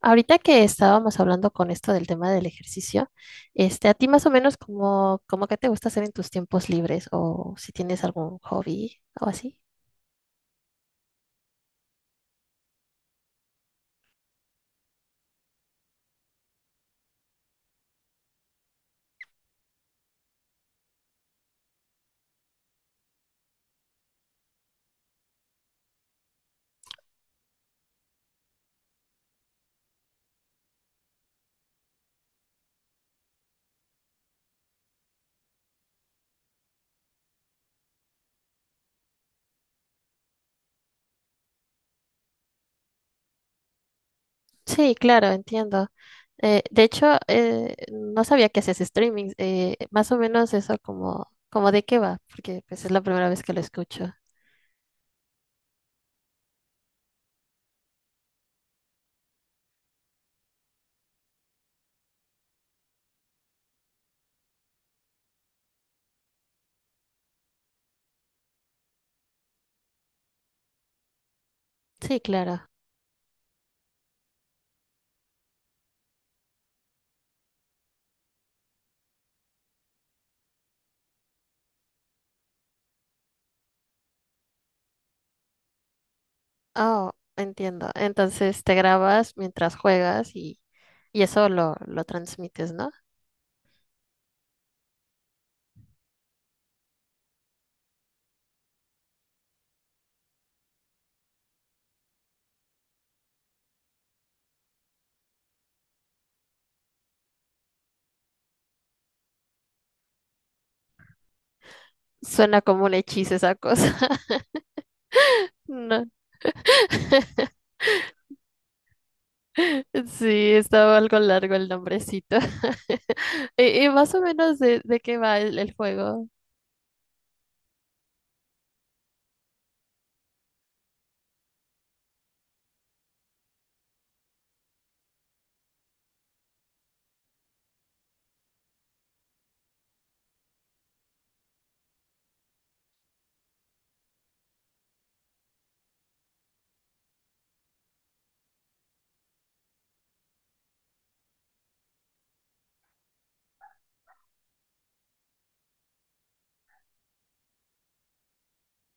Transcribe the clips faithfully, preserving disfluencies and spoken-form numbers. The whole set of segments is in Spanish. Ahorita que estábamos hablando con esto del tema del ejercicio, este, a ti más o menos como, como qué te gusta hacer en tus tiempos libres o si tienes algún hobby o así. Sí, claro, entiendo. Eh, de hecho, eh, no sabía que haces streaming. Eh, más o menos eso como, como de qué va, porque pues es la primera vez que lo escucho. Sí, claro. Oh, entiendo. Entonces te grabas mientras juegas y, y eso lo, lo transmites, ¿no? Suena como un hechizo esa cosa. No. Sí, estaba algo largo el nombrecito. ¿Y, y más o menos de, de qué va el, el juego?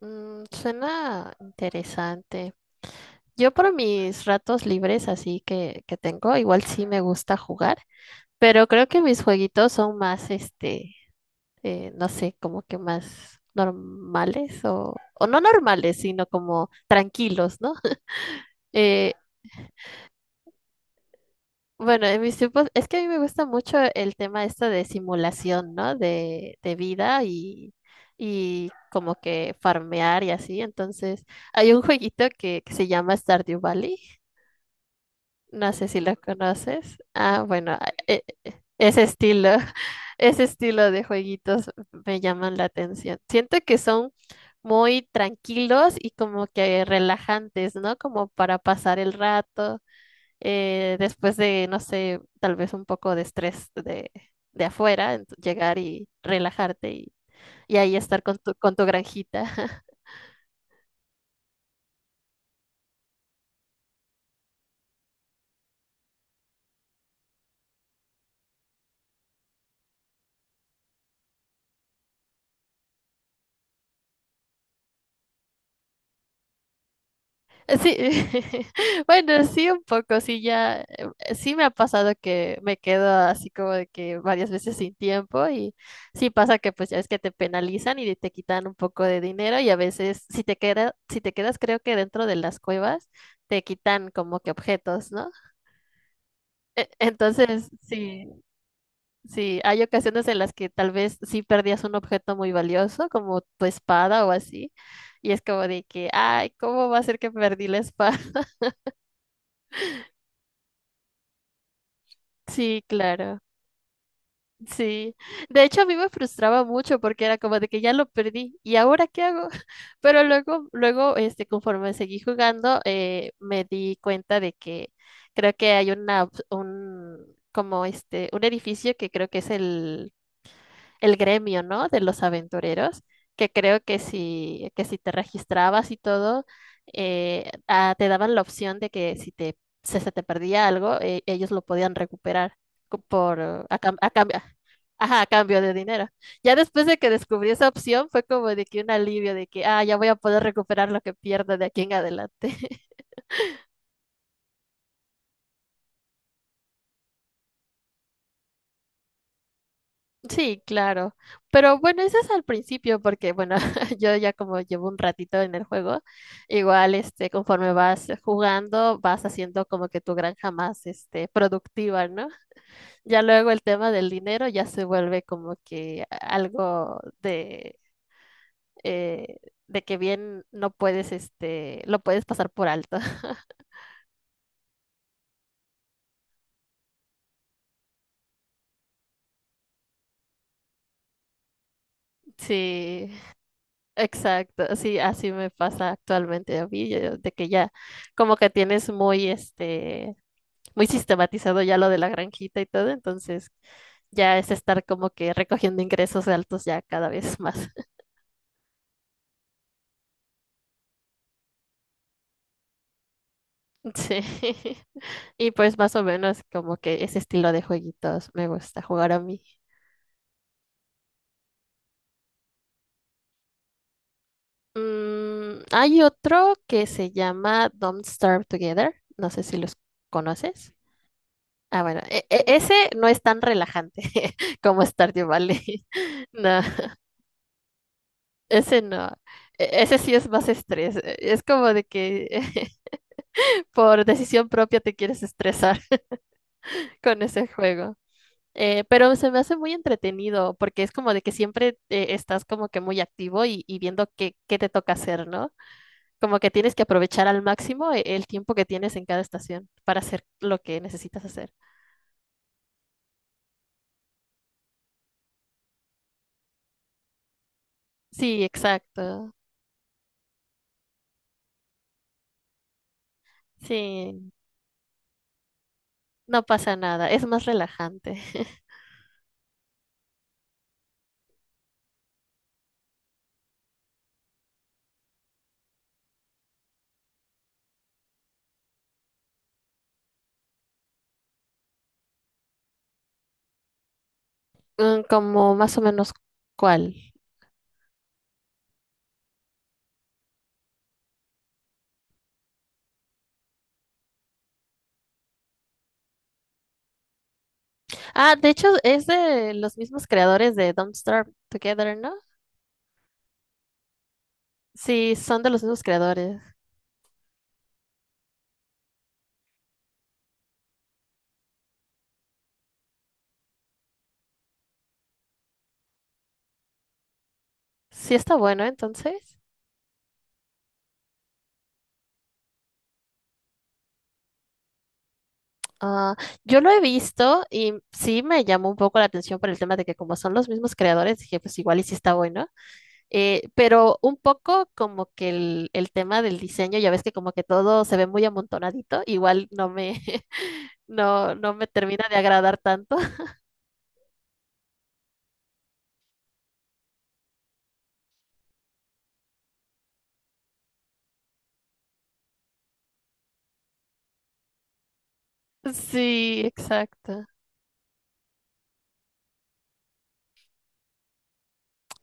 Mm, suena interesante. Yo por mis ratos libres así que, que tengo, igual sí me gusta jugar, pero creo que mis jueguitos son más este eh, no sé, como que más normales o, o no normales, sino como tranquilos, ¿no? Eh, bueno, en mis tiempos, es que a mí me gusta mucho el tema esto de simulación, ¿no? De, de vida y, y como que farmear y así. Entonces, hay un jueguito que, que se llama Stardew Valley. No sé si lo conoces. Ah, bueno, a- e- e- ese estilo, ese estilo de jueguitos me llaman la atención. Siento que son muy tranquilos y como que relajantes, ¿no? Como para pasar el rato, eh, después de, no sé, tal vez un poco de estrés de, de afuera, ent- llegar y relajarte y, y ahí estar con tu, con tu granjita. Sí, bueno, sí, un poco, sí, ya, eh, sí me ha pasado que me quedo así como de que varias veces sin tiempo y sí pasa que pues ya es que te penalizan y te quitan un poco de dinero y a veces si te queda, si te quedas creo que dentro de las cuevas te quitan como que objetos, ¿no? E- Entonces, sí, sí, hay ocasiones en las que tal vez sí perdías un objeto muy valioso como tu espada o así y es como de que, ay, ¿cómo va a ser que perdí la espada? Sí, claro. Sí, de hecho a mí me frustraba mucho porque era como de que ya lo perdí y ahora qué hago. Pero luego, luego, este, conforme seguí jugando, eh, me di cuenta de que creo que hay una, op- un, como este, un edificio que creo que es el el gremio, ¿no? De los aventureros, que creo que si, que si te registrabas y todo, eh, ah, te daban la opción de que si te, se, se te perdía algo, eh, ellos lo podían recuperar co- por, eh, a, cam- a cambio, ajá, a cambio de dinero. Ya después de que descubrí esa opción, fue como de que un alivio de que, ah, ya voy a poder recuperar lo que pierdo de aquí en adelante. Sí, claro. Pero bueno, eso es al principio, porque bueno, yo ya como llevo un ratito en el juego, igual este, conforme vas jugando, vas haciendo como que tu granja más este, productiva, ¿no? Ya luego el tema del dinero ya se vuelve como que algo de, eh, de que bien no puedes, este, lo puedes pasar por alto. Sí, exacto. Sí, así me pasa actualmente a mí, yo- de que ya como que tienes muy este muy sistematizado ya lo de la granjita y todo, entonces ya es estar como que recogiendo ingresos altos ya cada vez más. Sí. Y pues más o menos como que ese estilo de jueguitos me gusta jugar a mí. Mm, hay otro que se llama Don't Starve Together. No sé si los conoces. Ah, bueno, e- e- ese no es tan relajante como Stardew Valley. No, ese no. E- Ese sí es más estrés. e, Es como de que por decisión propia te quieres estresar con ese juego. Eh, pero se me hace muy entretenido porque es como de que siempre eh, estás como que muy activo y, y viendo qué, qué te toca hacer, ¿no? Como que tienes que aprovechar al máximo e- el tiempo que tienes en cada estación para hacer lo que necesitas hacer. Sí, exacto. Sí, no pasa nada. Es más relajante. Mm, como más o menos cuál. Ah, de hecho es de los mismos creadores de Don't Starve Together, ¿no? Sí, son de los mismos creadores. Sí está bueno, entonces. Ah, yo lo he visto y sí me llamó un poco la atención por el tema de que como son los mismos creadores, dije, pues igual y sí está bueno. Eh, pero un poco como que el, el tema del diseño, ya ves que como que todo se ve muy amontonadito, igual no me, no, no me termina de agradar tanto. Sí, exacto.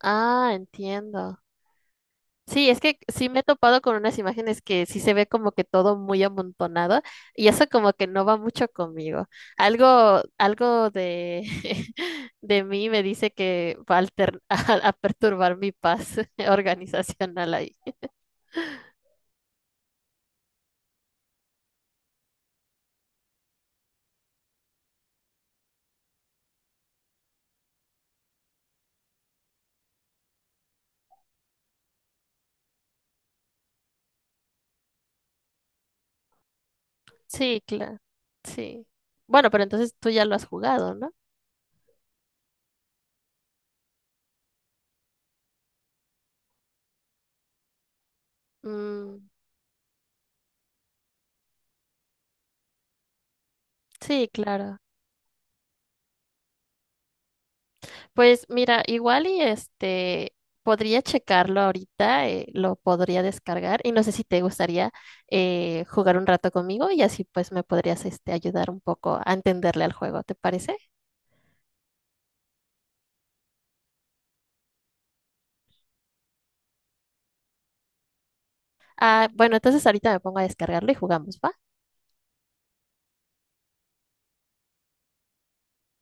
Ah, entiendo. Sí, es que sí me he topado con unas imágenes que sí se ve como que todo muy amontonado y eso como que no va mucho conmigo. Algo, algo de, de mí me dice que va a, alter- a- a perturbar mi paz organizacional ahí. Sí, claro, sí. Bueno, pero entonces tú ya lo has jugado, ¿no? Mm, sí, claro. Pues mira, igual y este podría checarlo ahorita, eh, lo podría descargar y no sé si te gustaría eh, jugar un rato conmigo y así pues me podrías este ayudar un poco a entenderle al juego, ¿te parece? Ah, bueno, entonces ahorita me pongo a descargarlo y jugamos, ¿va?